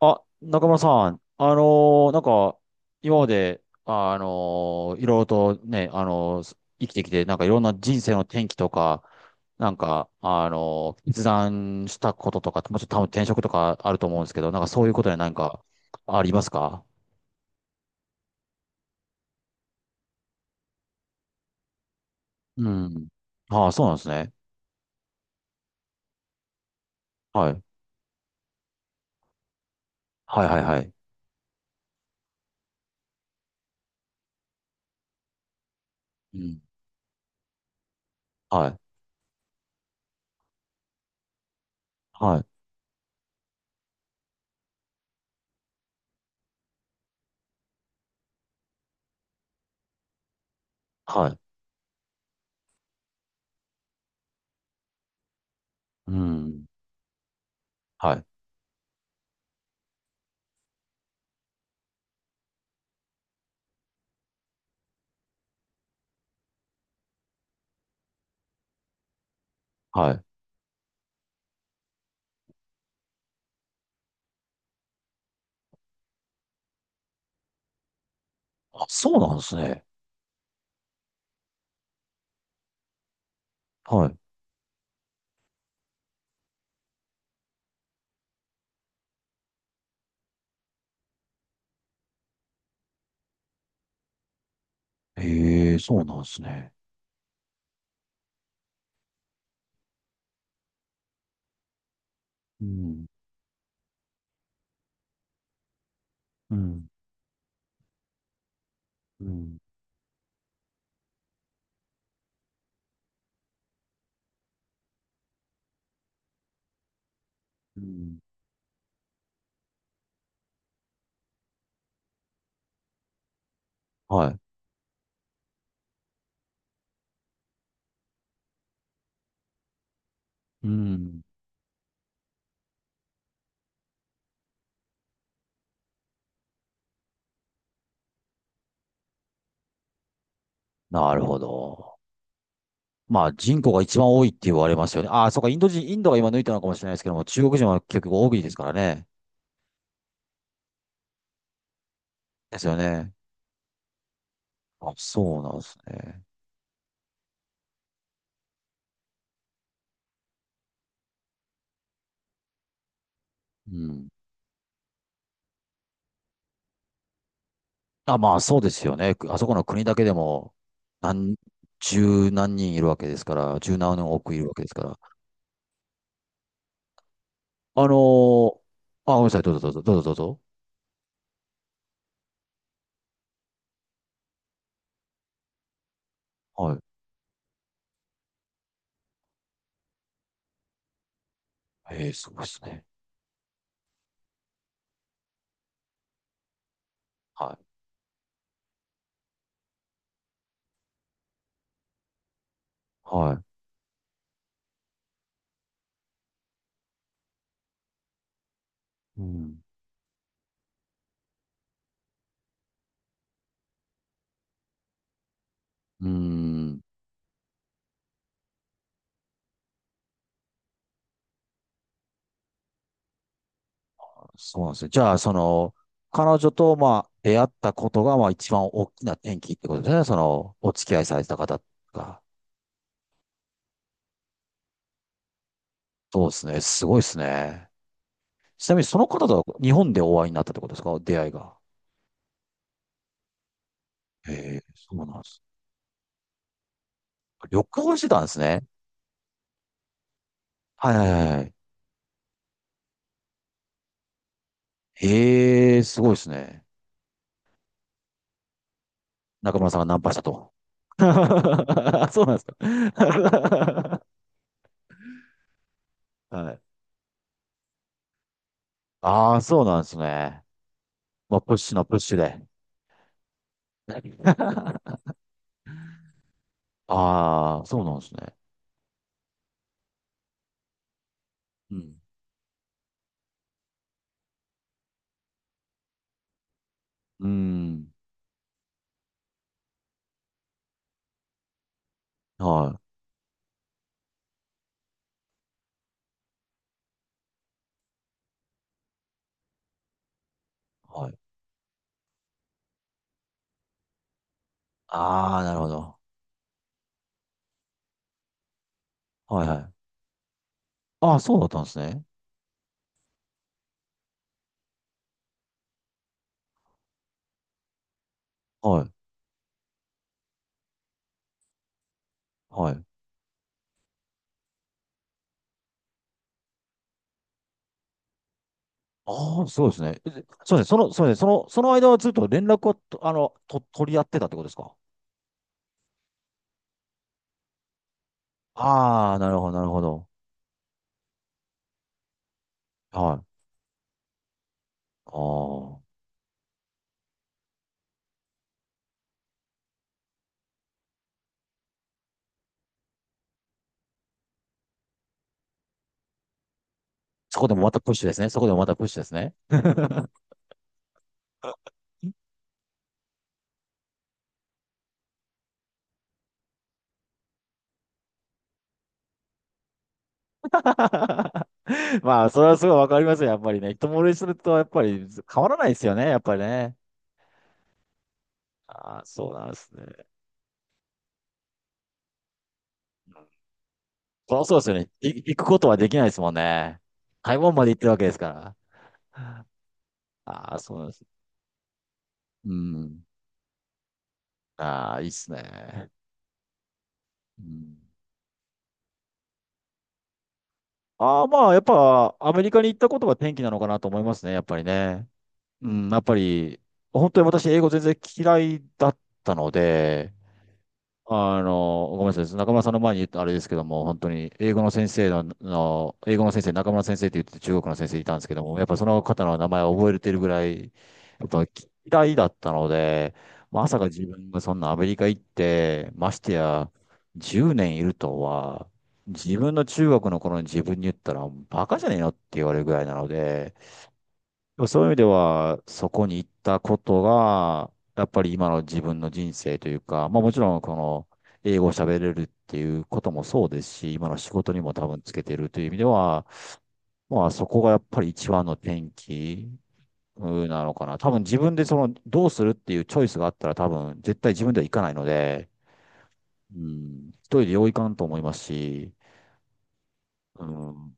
あ、中村さん、ーなんか、今まで、いろいろとね、生きてきて、なんかいろんな人生の転機とか、なんか、決断したこととか、もちろん多分転職とかあると思うんですけど、なんかそういうことで何かありますか？うん。ああ、そうなんですね。はい。はいはいはい。うん。はい。はい。はい。うん。はい。はい。あ、そうなんですね。はい。へえ、そうなんですね。うん。うん。うん。うんはい。うん。なるほど。まあ人口が一番多いって言われますよね。ああ、そうか、インド人、インドが今抜いたのかもしれないですけども、中国人は結局多いですからね。ですよね。あ、そうなんですね。うん。あ、まあそうですよね。あそこの国だけでも、何、十何人いるわけですから、十何億いるわけですから。あのーあ、ごめんなさい、どうぞどうぞ、どうぞどうぞ。はい。ええ、すごいですね。はい。はい。うん。うーん。そうなんですよ。じゃあ、その、彼女と、まあ、出会ったことが、まあ、一番大きな転機ってことですね。その、お付き合いされてた方が。そうですね。すごいですね。ちなみに、その方とは日本でお会いになったってことですか？出会いが。へえ、そうなんです。旅行してたんですね。はいはいはいはい。へえ、すごいですね。中村さんがナンパしたと。あ、そうなんですか？はい。ああ、そうなんですね。まあ、プッシュのプッシュで。ああ、そうなんですね。うん。うーん。はい。はい。ああ、なるほど。はいはい。ああ、そうだったんですね。はい。はい。ああ、そうですね。えでそうですね。その、そうですね。その、その間はずっと連絡をと、あの、と、取り合ってたってことですか？ああ、なるほど、なるほど。はい。ああ。そこでもまたプッシュですね。そこでもまたプッシュですね。まあ、それはすごいわかりますよ。やっぱりね。一目惚れすると、やっぱり変わらないですよね。やっぱりね。ああ、そうなんですね。あ、そうですよね。行くことはできないですもんね。台湾まで行ってるわけですから。ああ、そうです。うん。ああ、いいっすね。うん。ああ、まあ、やっぱ、アメリカに行ったことが転機なのかなと思いますね、やっぱりね。うん、やっぱり、本当に私、英語全然嫌いだったので、あの、ごめんなさい。中村さんの前に言ったあれですけども、本当に英語の先生の、の英語の先生、中村先生って言って中国の先生いたんですけども、やっぱその方の名前を覚えてるぐらい、やっぱ嫌いだったので、まさか自分がそんなアメリカ行って、ましてや10年いるとは、自分の中学の頃に自分に言ったら、バカじゃねえのって言われるぐらいなので、でもそういう意味では、そこに行ったことが、やっぱり今の自分の人生というか、まあもちろんこの英語を喋れるっていうこともそうですし、今の仕事にも多分つけてるという意味では、まあそこがやっぱり一番の転機うんなのかな。多分自分でそのどうするっていうチョイスがあったら多分絶対自分では行かないので、うん、一人でよういかんと思いますし、うん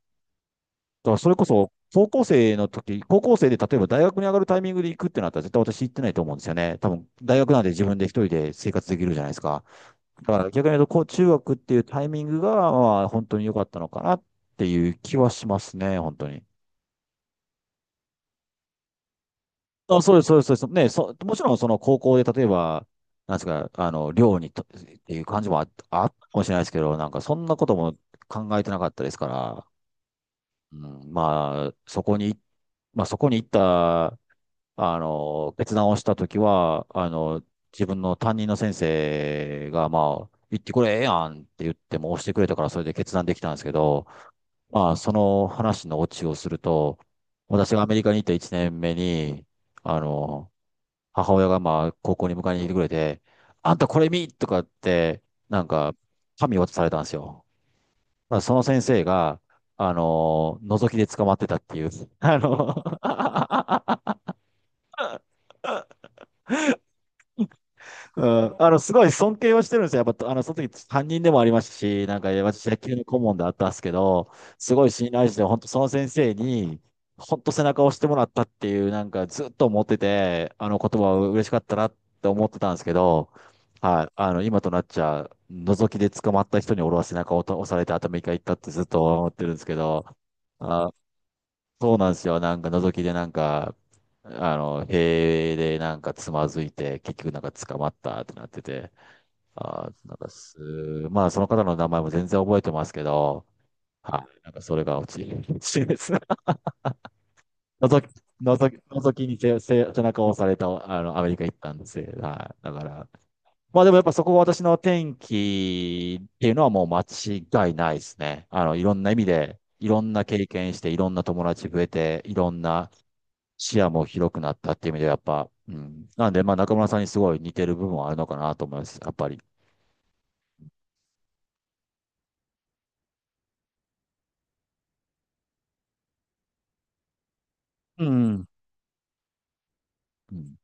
だからそれこそ、高校生の時、高校生で例えば大学に上がるタイミングで行くってなったら絶対私行ってないと思うんですよね。多分、大学なんて自分で一人で生活できるじゃないですか。だから逆に言うと、こう、中学っていうタイミングが、まあ、本当に良かったのかなっていう気はしますね、本当に。あ、そうです、そうです、そうです。ね、そ、もちろんその高校で例えば、なんですか、あの、寮にと、っていう感じもあったかもしれないですけど、なんかそんなことも考えてなかったですから、うん、まあ、そこに、まあそこに行った、あの、決断をしたときは、あの、自分の担任の先生が、まあ、言ってこれええやんって言っても押してくれたからそれで決断できたんですけど、まあ、その話のオチをすると、私がアメリカに行った1年目に、あの、母親がまあ、高校に迎えに来てくれて、あんたこれ見とかって、なんか、紙渡されたんですよ。まあ、その先生が、あの、覗きで捕まってたっていう、あの うん、あの、すごい尊敬はしてるんですよ。やっぱ、あの、その時担任でもありましたし、なんか、私、野球の顧問であったんですけど、すごい信頼して、本当その先生に、本当背中を押してもらったっていう、なんか、ずっと思ってて、あの言葉は嬉しかったなって思ってたんですけど、はい、あの、今となっちゃ、覗きで捕まった人に俺は背中を押されて頭一回いったってずっと思ってるんですけど、あ、そうなんですよ。なんか、覗きでなんか、あの、塀でなんかつまずいて、結局なんか捕まったってなってて、あー、なんかす、まあその方の名前も全然覚えてますけど、はい。なんかそれが落ち、落ちです。覗き、覗きに背中を押された、あの、アメリカ行ったんですよ。はい。だから。まあでもやっぱそこは私の天気っていうのはもう間違いないですね。あの、いろんな意味で、いろんな経験して、いろんな友達増えて、いろんな視野も広くなったっていう意味ではやっぱ、うん。なんで、まあ中村さんにすごい似てる部分はあるのかなと思います。やっぱり。うん。うん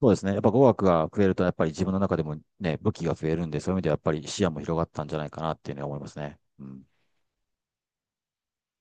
そうですね。やっぱ語学が増えると、やっぱり自分の中でもね、武器が増えるんで、そういう意味ではやっぱり視野も広がったんじゃないかなっていうのは思いますね。うん。